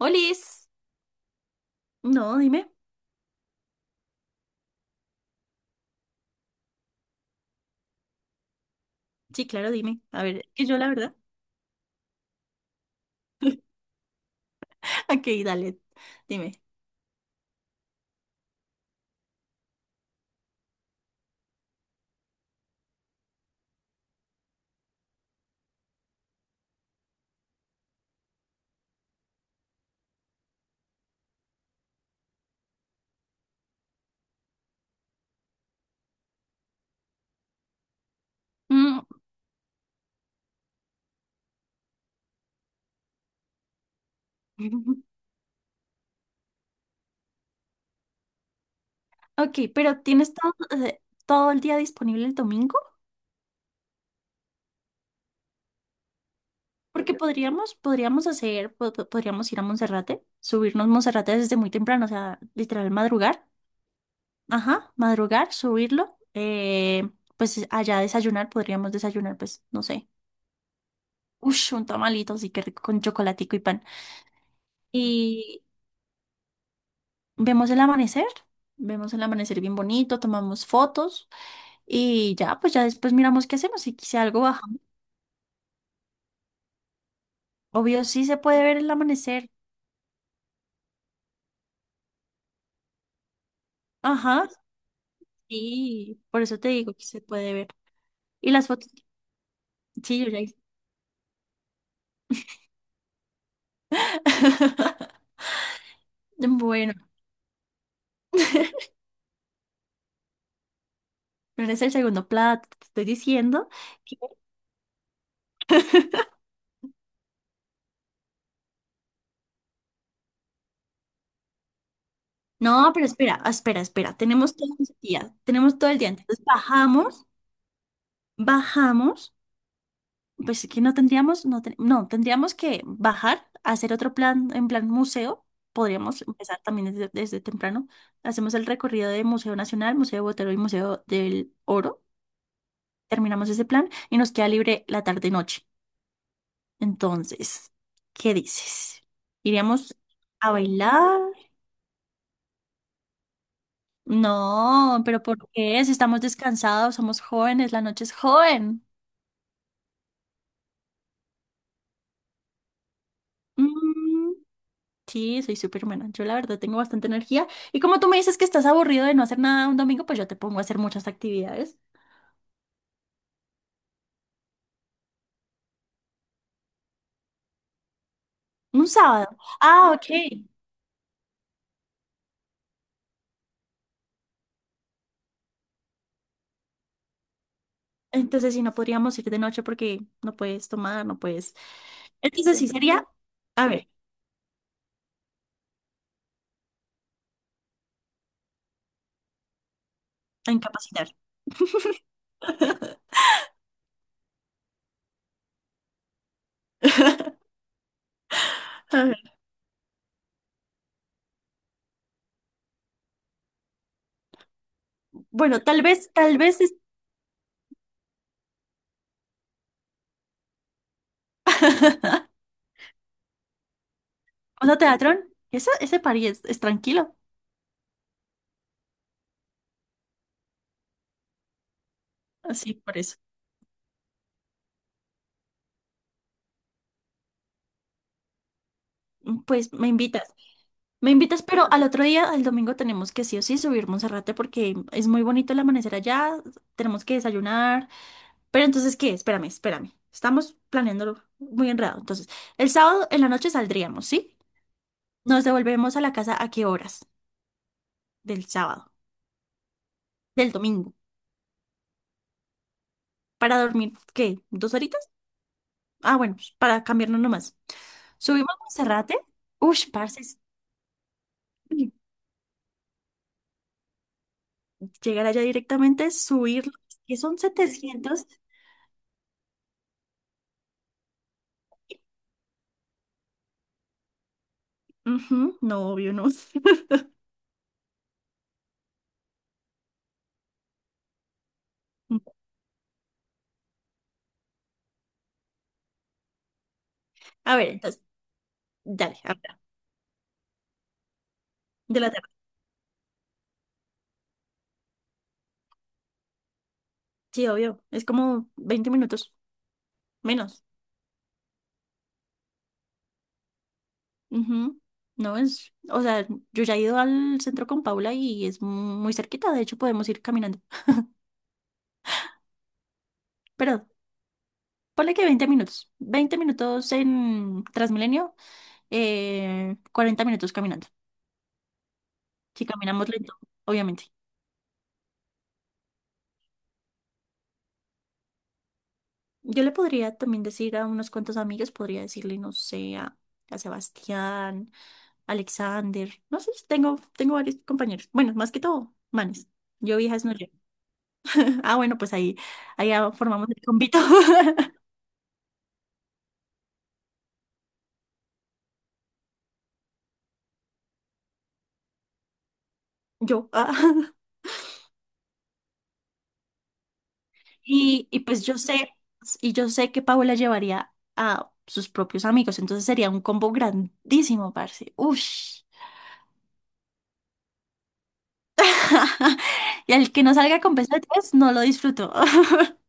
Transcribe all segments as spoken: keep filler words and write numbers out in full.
Olis. No, dime. Sí, claro, dime. A ver, que yo la verdad. Ok, dale, dime. Mm, Ok, pero ¿tienes todo, eh, todo el día disponible el domingo? Porque podríamos, podríamos hacer, po- po- podríamos ir a Monserrate, subirnos Monserrate desde muy temprano, o sea, literal madrugar. Ajá, madrugar, subirlo. Eh, pues allá desayunar, podríamos desayunar, pues, no sé. Ush, un tamalito, así que rico con chocolatico y pan. Vemos el amanecer, vemos el amanecer bien bonito, tomamos fotos y ya, pues ya después miramos qué hacemos. Si, si algo bajamos, obvio sí se puede ver el amanecer. Ajá, sí, por eso te digo que se puede ver. Y las fotos, sí, yo ya hice. Bueno, pero es el segundo plato, te estoy diciendo. que- No, pero espera, espera, espera, tenemos todo el día, tenemos todo el día. Entonces bajamos, bajamos. Pues es que no tendríamos, no, ten- no, tendríamos que bajar, hacer otro plan, en plan museo. Podríamos empezar también desde, desde temprano. Hacemos el recorrido de Museo Nacional, Museo Botero y Museo del Oro. Terminamos ese plan y nos queda libre la tarde-noche. Entonces, ¿qué dices? ¿Iríamos a bailar? No, pero ¿por qué? Si estamos descansados, somos jóvenes, la noche es joven. Mm. Sí, soy súper buena. Yo la verdad tengo bastante energía. Y como tú me dices que estás aburrido de no hacer nada un domingo, pues yo te pongo a hacer muchas actividades. Un sábado. Ah, ok. Entonces sí, no podríamos ir de noche porque no puedes tomar, no puedes. Entonces sí sería, a ver, a incapacitar. A ver, bueno, tal vez, tal vez es. ¿Vamos a teatrón? Ese, ese party es, es tranquilo. Así, por eso. Pues me invitas. Me invitas, pero al otro día, al domingo, tenemos que sí o sí subir Monserrate porque es muy bonito el amanecer allá, tenemos que desayunar. Pero entonces, ¿qué? Espérame, espérame. Estamos planeándolo muy enredado. Entonces, el sábado en la noche saldríamos, ¿sí? Nos devolvemos a la casa, ¿a qué horas? Del sábado, del domingo. ¿Para dormir qué? ¿Dos horitas? Ah, bueno, pues, para cambiarnos nomás. Subimos a Monserrate. Ush, parce, es- llegar allá directamente, subir, ¿que son setecientos? Ujú, no, obvio, no. A ver, entonces, dale, habla. De la tarde. Sí, obvio. Es como veinte minutos menos. Ujú. No es, o sea, yo ya he ido al centro con Paula y es muy cerquita. De hecho, podemos ir caminando. Pero ponle que veinte minutos. Veinte minutos en Transmilenio, eh, cuarenta minutos caminando. Si caminamos lento, obviamente. Yo le podría también decir a unos cuantos amigos, podría decirle, no sé, a, a Sebastián Alexander, no sé, tengo, tengo varios compañeros. Bueno, más que todo, manes. Yo viejas no llego. Ah, bueno, pues ahí, ahí ah, formamos el convito. Yo. Ah. Y, y pues yo sé, y yo sé que Paola llevaría a sus propios amigos, entonces sería un combo grandísimo, parce. Ush. Y al que no salga con pesetas, no lo disfruto.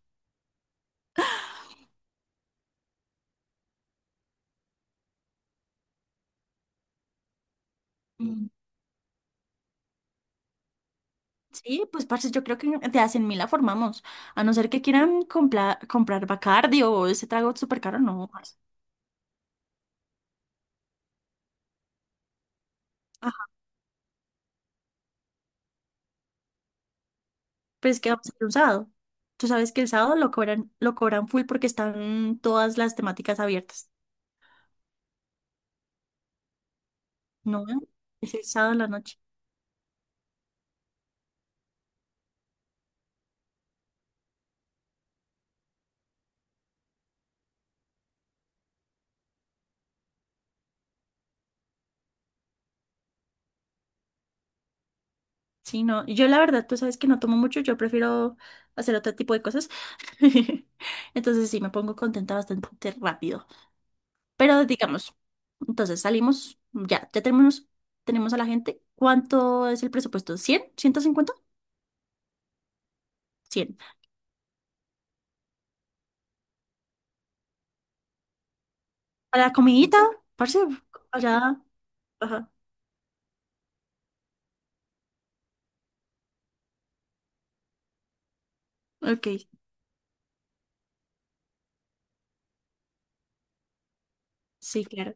Sí, pues parce, yo creo que de hacen 100 mil la formamos. A no ser que quieran compla- comprar Bacardi o ese trago súper caro, no, parce. Ajá. Pues que vamos a hacer un sábado. Tú sabes que el sábado lo cobran, lo cobran full porque están todas las temáticas abiertas. No, es el sábado en la noche. Sí, no. Yo la verdad, tú sabes que no tomo mucho, yo prefiero hacer otro tipo de cosas. Entonces sí, me pongo contenta bastante rápido. Pero digamos, entonces salimos, ya, ya tenemos, tenemos a la gente. ¿Cuánto es el presupuesto? Cien, ciento cincuenta, cien. Para la comidita, parce, allá. Ajá. Ok, sí, claro.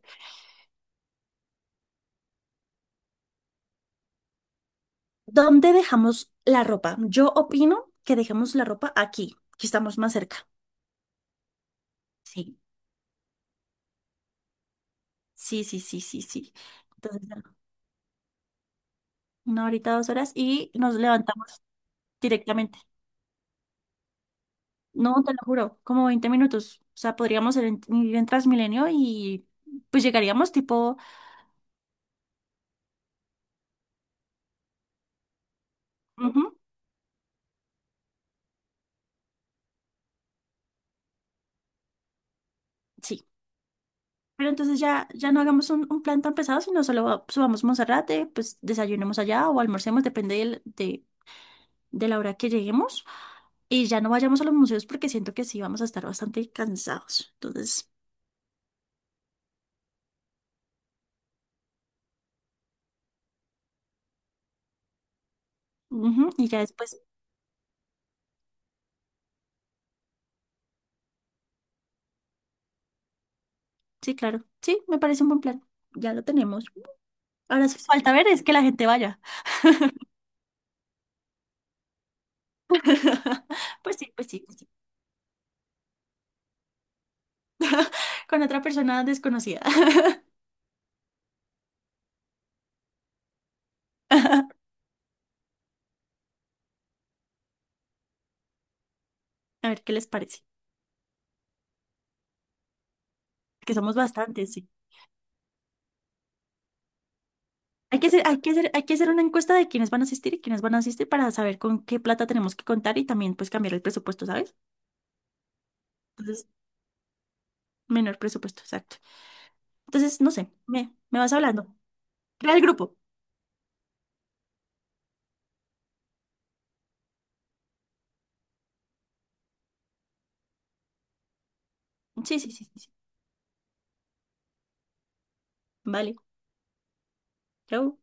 ¿Dónde dejamos la ropa? Yo opino que dejamos la ropa aquí, que estamos más cerca. Sí, sí, sí, sí, sí, sí. Entonces, bueno, una horita, dos horas y nos levantamos directamente. No, te lo juro, como veinte minutos. O sea, podríamos ir en, ir en, Transmilenio y pues llegaríamos tipo. Ujú, sí. Pero entonces ya, ya no hagamos un, un plan tan pesado, sino solo subamos a Monserrate, pues desayunemos allá o almorcemos, depende del- de, de la hora que lleguemos. Y ya no vayamos a los museos porque siento que sí vamos a estar bastante cansados. Entonces, ujú, y ya después, sí, claro. Sí, me parece un buen plan. Ya lo tenemos. Ahora sí falta ver es que la gente vaya. Pues sí, pues sí, pues sí. Con otra persona desconocida. A ver qué les parece. Que somos bastantes, sí. Hay que hacer, hay que hacer, hay que hacer una encuesta de quiénes van a asistir y quiénes van a asistir para saber con qué plata tenemos que contar y también pues cambiar el presupuesto, ¿sabes? Entonces, menor presupuesto, exacto. Entonces, no sé, me, me vas hablando. Crea el grupo. Sí, sí, sí, sí. Sí. Vale, chao.